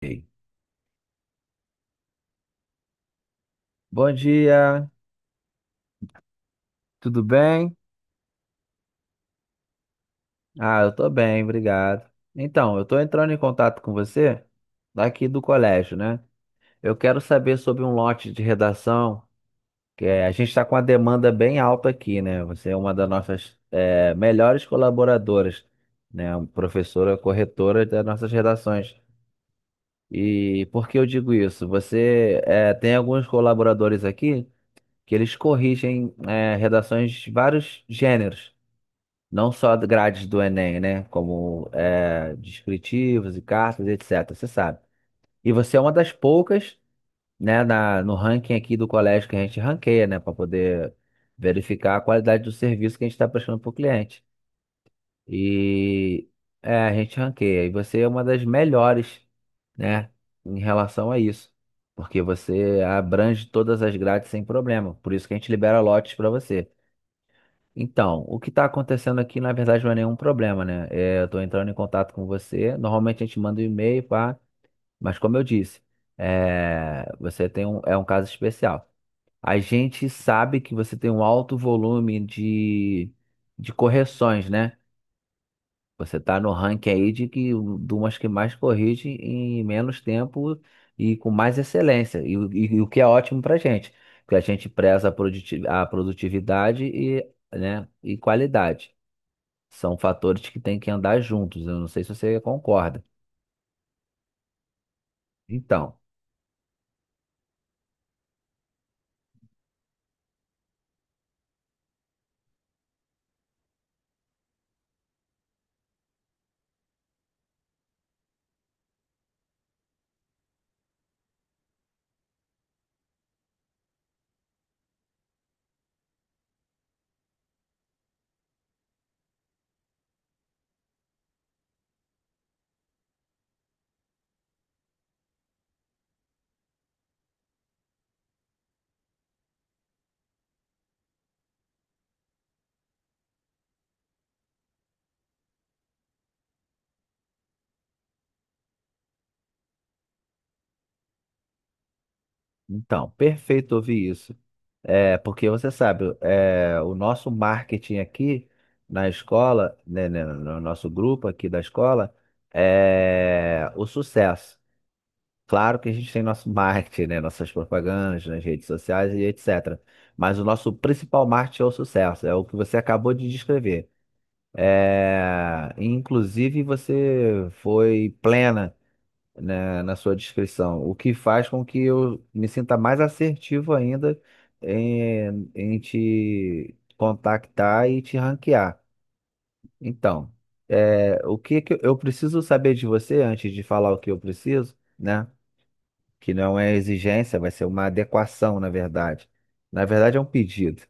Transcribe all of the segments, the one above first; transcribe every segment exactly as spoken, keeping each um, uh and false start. Ei, bom dia, tudo bem? Ah, eu tô bem, obrigado. Então, eu tô entrando em contato com você daqui do colégio, né? Eu quero saber sobre um lote de redação, que é, a gente está com uma demanda bem alta aqui, né? Você é uma das nossas é, melhores colaboradoras, né? Professora, corretora das nossas redações. E por que eu digo isso? Você é, tem alguns colaboradores aqui que eles corrigem é, redações de vários gêneros. Não só grades do Enem, né? Como é, descritivos e cartas, etcétera. Você sabe. E você é uma das poucas, né, na, no ranking aqui do colégio que a gente ranqueia, né? Para poder verificar a qualidade do serviço que a gente está prestando para o cliente. E é, a gente ranqueia. E você é uma das melhores, né? Em relação a isso. Porque você abrange todas as grades sem problema. Por isso que a gente libera lotes para você. Então, o que está acontecendo aqui, na verdade, não é nenhum problema, né? É, eu estou entrando em contato com você. Normalmente a gente manda um e-mail, pá, mas como eu disse, é, você tem um, é um caso especial. A gente sabe que você tem um alto volume de, de correções, né? Você está no ranking aí de, que, de umas que mais corrige em menos tempo e com mais excelência, e, o e o que é ótimo para a gente, porque a gente preza a produti- a produtividade e, né, e qualidade. São fatores que têm que andar juntos. Eu não sei se você concorda. Então, então, perfeito ouvir isso. É, porque você sabe, é, o nosso marketing aqui na escola, né, né, no nosso grupo aqui da escola, é o sucesso. Claro que a gente tem nosso marketing, né, nossas propagandas nas redes sociais e etcétera. Mas o nosso principal marketing é o sucesso, é o que você acabou de descrever. É, inclusive, você foi plena, né, na sua descrição, o que faz com que eu me sinta mais assertivo ainda em, em te contactar e te ranquear. Então, é, o que que eu preciso saber de você antes de falar o que eu preciso, né? Que não é exigência, vai ser uma adequação, na verdade. Na verdade, é um pedido.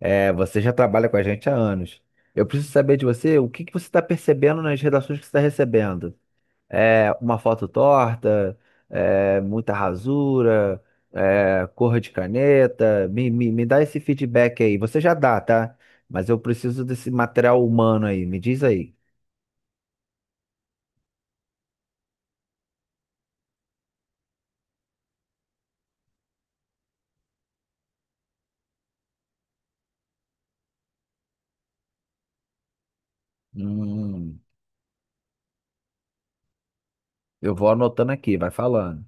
É, você já trabalha com a gente há anos. Eu preciso saber de você o que que você está percebendo nas redações que você está recebendo. É, uma foto torta, é, muita rasura, é, cor de caneta. Me, me, me dá esse feedback aí. Você já dá, tá? Mas eu preciso desse material humano aí. Me diz aí. Hum, eu vou anotando aqui, vai falando.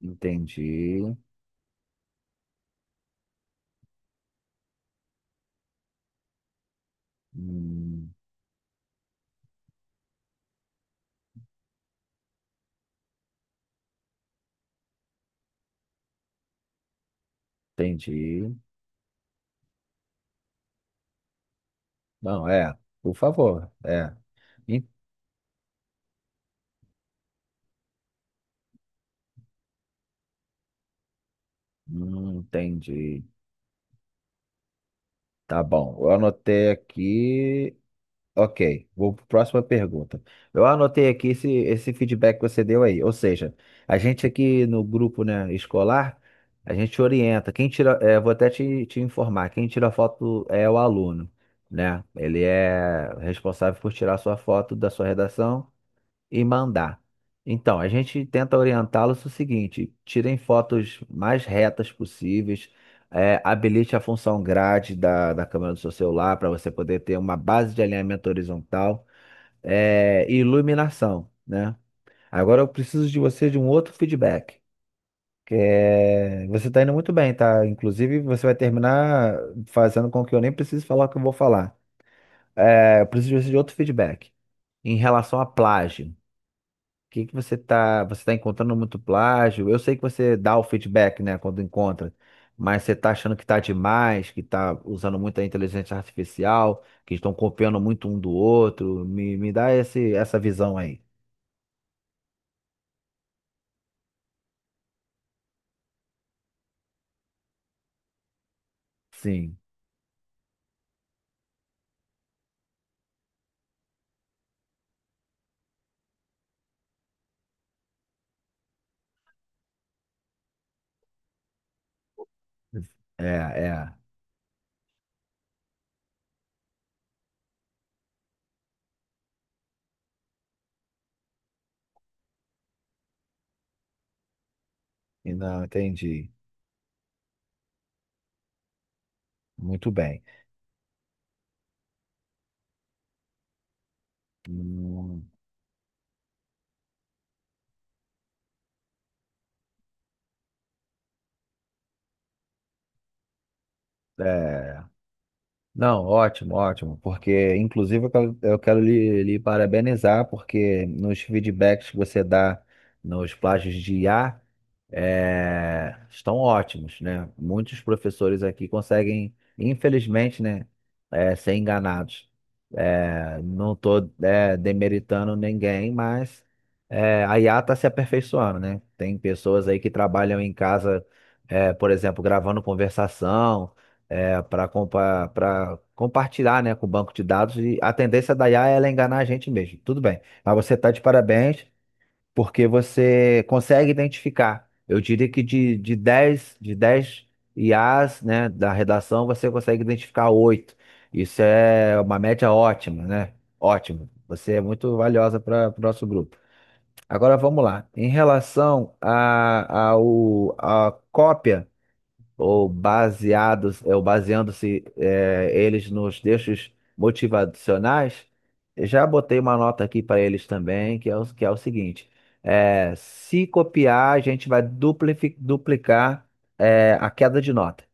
Entendi. Hum, entendi. Não, é, por favor. É. En- hum, entendi. Tá bom. Eu anotei aqui. Ok, vou para a próxima pergunta. Eu anotei aqui esse, esse feedback que você deu aí. Ou seja, a gente aqui no grupo, né, escolar, a gente orienta. Quem tira, eh, vou até te, te informar, quem tira foto é o aluno, né? Ele é responsável por tirar sua foto da sua redação e mandar. Então, a gente tenta orientá-los o seguinte: tirem fotos mais retas possíveis, é, habilite a função grade da, da câmera do seu celular para você poder ter uma base de alinhamento horizontal, é, e iluminação, né? Agora eu preciso de você de um outro feedback. Que é... Você está indo muito bem, tá? Inclusive, você vai terminar fazendo com que eu nem precise falar o que eu vou falar. É, eu preciso de você de outro feedback em relação à plágio, que que você tá, você tá encontrando muito plágio? Eu sei que você dá o feedback, né, quando encontra, mas você tá achando que tá demais, que tá usando muita inteligência artificial, que estão copiando muito um do outro. Me, me dá esse, essa visão aí. Sim, é, é. E não, entendi. Muito bem. Hum, é. Não, ótimo, ótimo, porque inclusive eu quero, eu quero lhe, lhe parabenizar, porque nos feedbacks que você dá nos plágios de I A é, estão ótimos, né? Muitos professores aqui conseguem, infelizmente, né, é, ser enganados. É, não estou demeritando ninguém, mas é, a I A está se aperfeiçoando, né? Tem pessoas aí que trabalham em casa, é, por exemplo, gravando conversação é, para compa para compartilhar, né, com o banco de dados e a tendência da I A é ela enganar a gente mesmo. Tudo bem. Mas você está de parabéns porque você consegue identificar. Eu diria que de, de dez de dez I As, né, da redação, você consegue identificar oito. Isso é uma média ótima, né? Ótimo. Você é muito valiosa para o nosso grupo. Agora vamos lá. Em relação à a, ao, a cópia ou baseados, é, ou baseando-se, é, eles nos textos motivacionais, eu já botei uma nota aqui para eles também, que é o, que é o seguinte: é, se copiar, a gente vai duplifi- duplicar é, a queda de nota,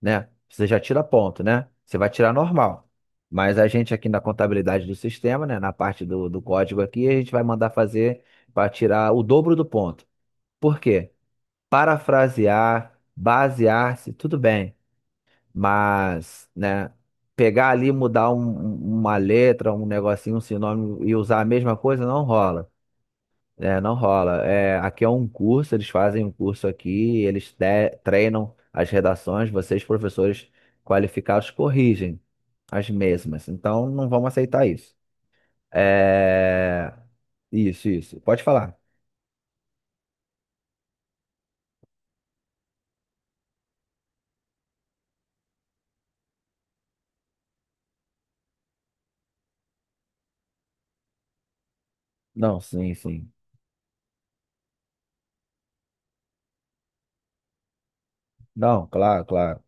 né? Você já tira ponto, né? Você vai tirar normal. Mas a gente aqui na contabilidade do sistema, né, na parte do, do código aqui, a gente vai mandar fazer para tirar o dobro do ponto. Por quê? Parafrasear, basear-se, tudo bem. Mas, né, pegar ali, e mudar um- um- uma letra, um negocinho, um sinônimo e usar a mesma coisa não rola. Né? Não rola. É, aqui é um curso, eles fazem um curso aqui, eles te- treinam as redações, vocês, professores qualificados, corrigem as mesmas. Então, não vamos aceitar isso. É... Isso, isso. Pode falar. Não, sim, sim. Não, claro, claro.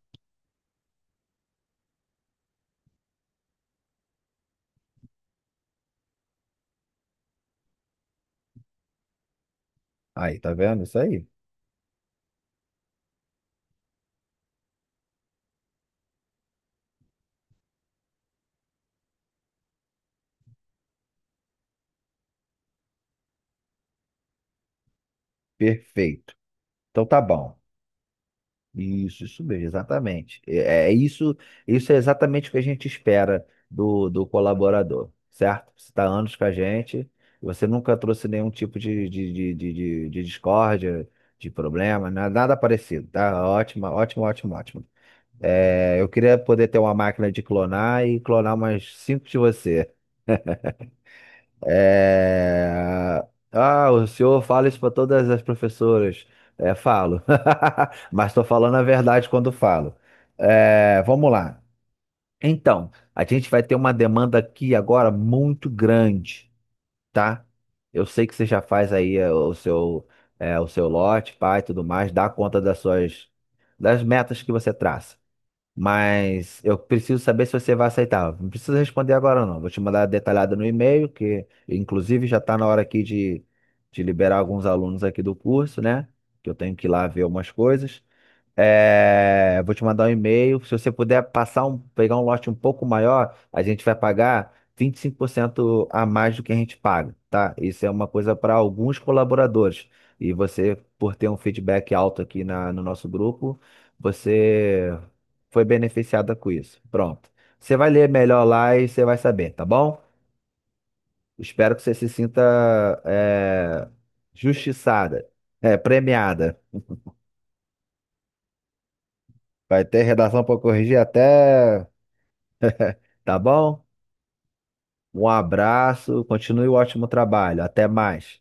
Aí, tá vendo? Isso aí. Perfeito. Então tá bom. Isso, isso mesmo, exatamente. É, é isso, isso é exatamente o que a gente espera do, do colaborador, certo? Você está anos com a gente, você nunca trouxe nenhum tipo de, de, de, de, de- de discórdia, de problema, na- nada parecido, tá? Ótimo, ótimo, ótimo, ótimo. É, eu queria poder ter uma máquina de clonar e clonar umas cinco de você. É... Ah, o senhor fala isso para todas as professoras. É, falo. Mas estou falando a verdade quando falo. É, vamos lá. Então, a gente vai ter uma demanda aqui agora muito grande, tá? Eu sei que você já faz aí, é, o seu, é, o seu lote, pai, tudo mais, dá conta das suas, das metas que você traça. Mas eu preciso saber se você vai aceitar. Não precisa responder agora, não. Vou te mandar detalhado no e-mail, que inclusive já está na hora aqui de, de liberar alguns alunos aqui do curso, né? Que eu tenho que ir lá ver umas coisas. É, vou te mandar um e-mail. Se você puder passar um, pegar um lote um pouco maior, a gente vai pagar vinte e cinco por cento a mais do que a gente paga, tá? Isso é uma coisa para alguns colaboradores. E você, por ter um feedback alto aqui na, no nosso grupo, você foi beneficiada com isso. Pronto. Você vai ler melhor lá e você vai saber, tá bom? Espero que você se sinta, é, justiçada, é, premiada. Vai ter redação para corrigir até. Tá bom? Um abraço, continue o ótimo trabalho. Até mais.